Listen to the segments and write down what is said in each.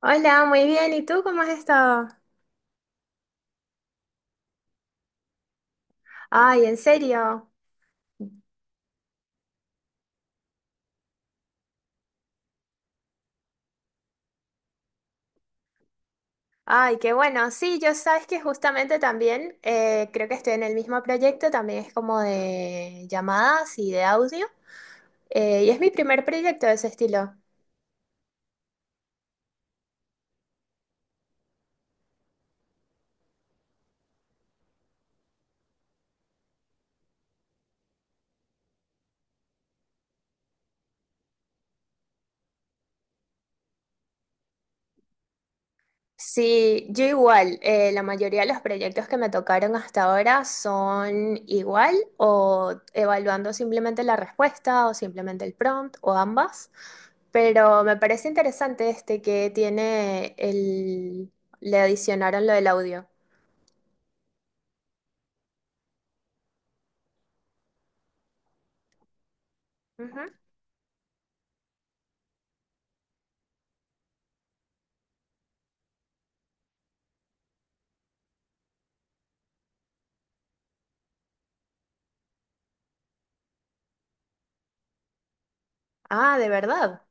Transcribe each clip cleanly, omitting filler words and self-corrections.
Hola, muy bien. ¿Y tú cómo has estado? Ay, ¿en serio? Ay, qué bueno. Sí, yo sabes que justamente también creo que estoy en el mismo proyecto, también es como de llamadas y de audio. Y es mi primer proyecto de ese estilo. Sí, yo igual, la mayoría de los proyectos que me tocaron hasta ahora son igual o evaluando simplemente la respuesta o simplemente el prompt o ambas, pero me parece interesante este que tiene le adicionaron lo del audio. Ujú. Ah, de verdad.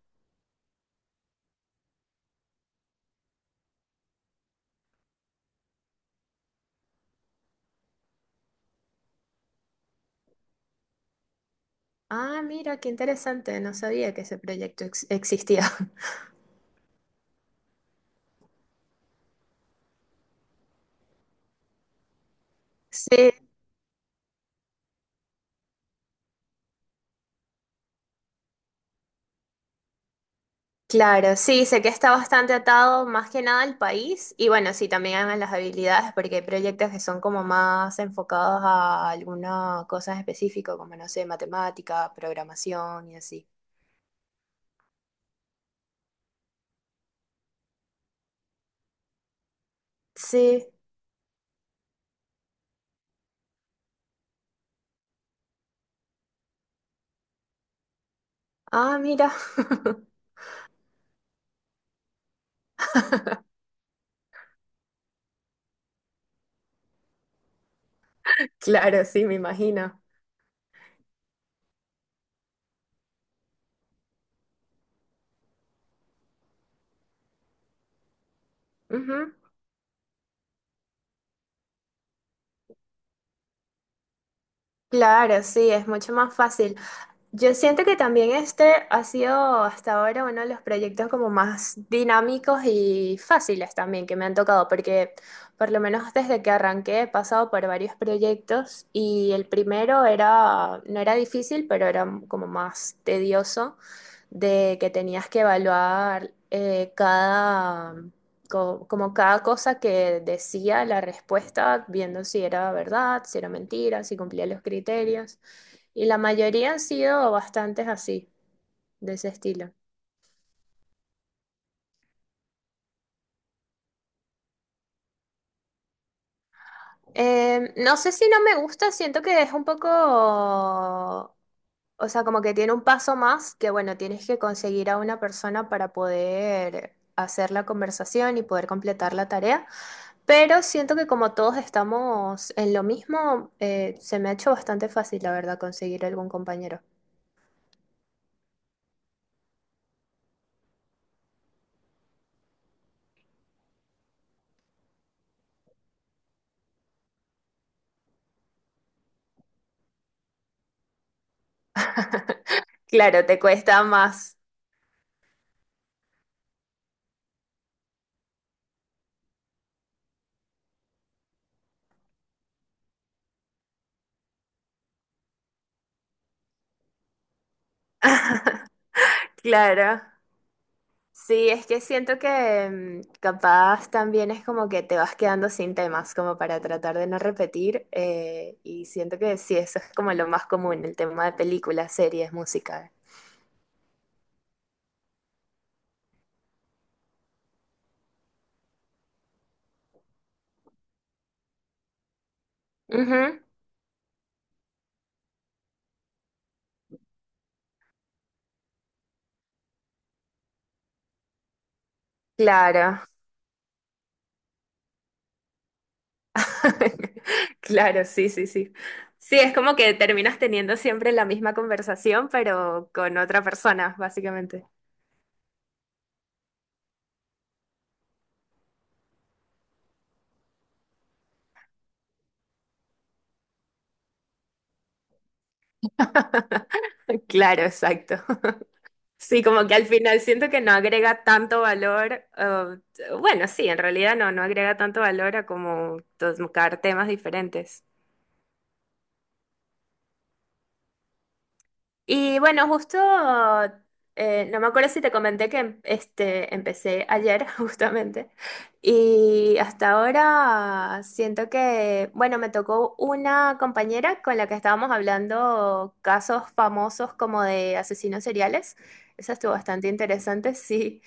Ah, mira, qué interesante, no sabía que ese proyecto existía. Sí. Claro, sí, sé que está bastante atado más que nada al país y bueno, sí, también a las habilidades porque hay proyectos que son como más enfocados a alguna cosa en específico, como no sé, matemática, programación y así. Sí, ah, mira. Claro, sí, me imagino. Ujú. Claro, sí, es mucho más fácil. Yo siento que también este ha sido hasta ahora uno de los proyectos como más dinámicos y fáciles también que me han tocado, porque por lo menos desde que arranqué he pasado por varios proyectos y el primero era, no era difícil, pero era como más tedioso, de que tenías que evaluar como cada cosa que decía la respuesta, viendo si era verdad, si era mentira, si cumplía los criterios. Y la mayoría han sido bastantes así, de ese estilo. No sé si no me gusta, siento que es un poco, o sea, como que tiene un paso más, que bueno, tienes que conseguir a una persona para poder hacer la conversación y poder completar la tarea, pero siento que como todos estamos en lo mismo, se me ha hecho bastante fácil, la verdad, conseguir algún compañero. Claro, te cuesta más. Claro. Sí, es que siento que mm, capaz también es como que te vas quedando sin temas, como para tratar de no repetir, y siento que sí, eso es como lo más común, el tema de películas, series, música. Ujú, claro, claro, sí, sí, sí. Sí, es como que terminas teniendo siempre la misma conversación, pero con otra persona, básicamente. Claro, exacto. Sí, como que al final siento que no agrega tanto valor, bueno, sí, en realidad no, no agrega tanto valor a como tocar temas diferentes. Y bueno, justo, no me acuerdo si te comenté que este, empecé ayer justamente, y hasta ahora siento que, bueno, me tocó una compañera con la que estábamos hablando casos famosos como de asesinos seriales. Eso estuvo bastante interesante, sí.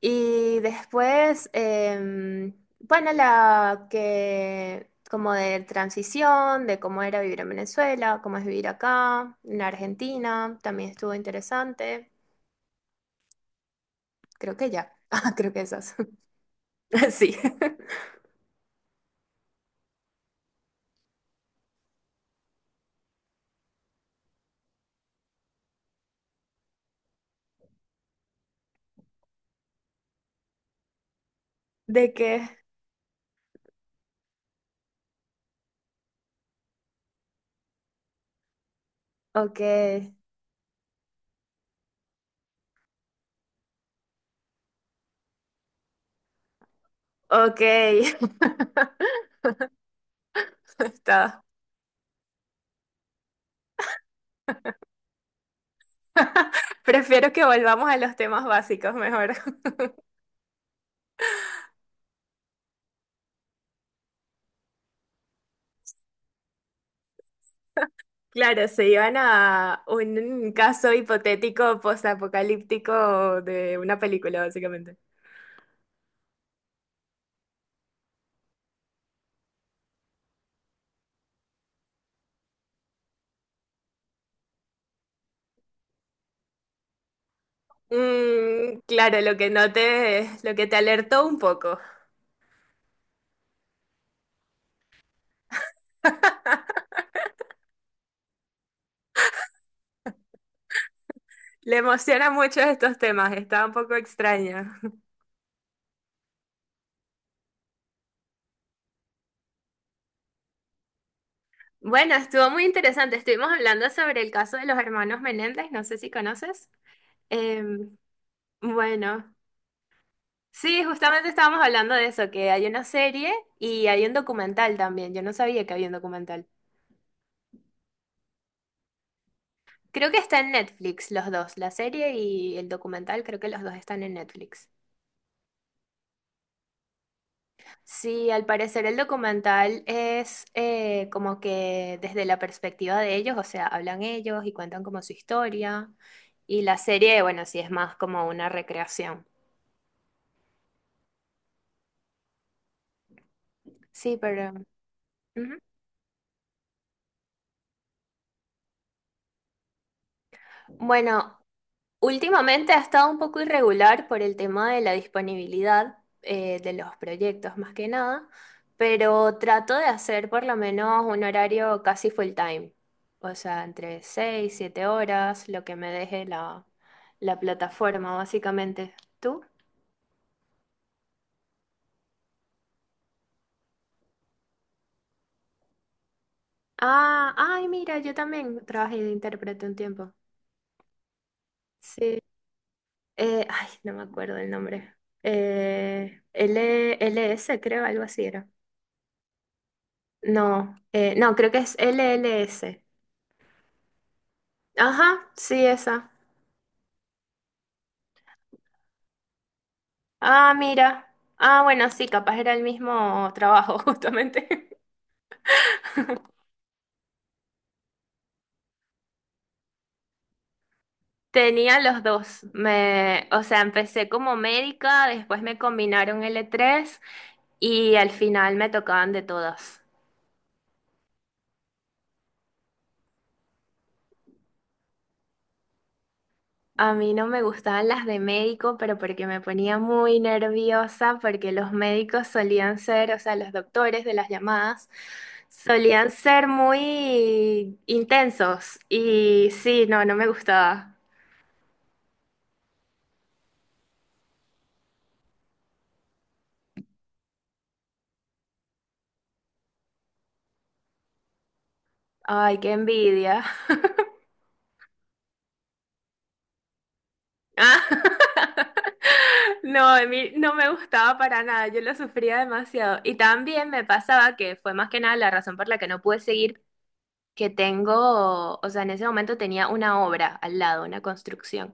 Y después, bueno, la que como de transición, de cómo era vivir en Venezuela, cómo es vivir acá, en Argentina, también estuvo interesante. Creo que ya. Ah, creo que esas. Sí. ¿De qué? Ok. Ok. Está. Prefiero que volvamos a los temas básicos mejor. Claro, se iban a un caso hipotético posapocalíptico de una película, básicamente. Mm, claro, lo que noté, lo que te alertó un poco. Le emociona mucho estos temas, está un poco extraño. Bueno, estuvo muy interesante. Estuvimos hablando sobre el caso de los hermanos Menéndez, no sé si conoces. Em, bueno, sí, justamente estábamos hablando de eso, que hay una serie y hay un documental también. Yo no sabía que había un documental. Creo que está en Netflix los dos, la serie y el documental, creo que los dos están en Netflix. Sí, al parecer el documental es como que desde la perspectiva de ellos, o sea, hablan ellos y cuentan como su historia. Y la serie, bueno, sí es más como una recreación. Sí, pero... ujú. Bueno, últimamente ha estado un poco irregular por el tema de la disponibilidad de los proyectos, más que nada, pero trato de hacer por lo menos un horario casi full time, o sea, entre 6, 7 horas, lo que me deje la plataforma, básicamente. ¿Tú? Ah, ay, mira, yo también trabajé de intérprete un tiempo. Sí. Ay, no me acuerdo el nombre. Eh, L- LS, creo, algo así era. No, no, creo que es LLS. Ajá, sí, esa. Ah, mira. Ah, bueno, sí, capaz era el mismo trabajo, justamente. Tenía los dos. O sea, empecé como médica, después me combinaron L3 y al final me tocaban de todas. A mí no me gustaban las de médico, pero porque me ponía muy nerviosa, porque los médicos solían ser, o sea, los doctores de las llamadas, solían ser muy intensos. Y sí, no, no me gustaba. Ay, qué envidia. Ah, no, a mí no me gustaba para nada, yo lo sufría demasiado. Y también me pasaba que fue más que nada la razón por la que no pude seguir, que tengo, o sea, en ese momento tenía una obra al lado, una construcción.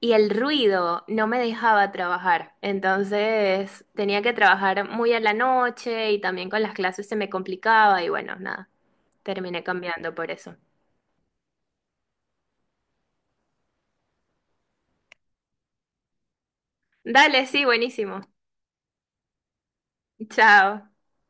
Y el ruido no me dejaba trabajar, entonces tenía que trabajar muy a la noche y también con las clases se me complicaba y bueno, nada, terminé cambiando por eso. Dale, sí, buenísimo. Chao.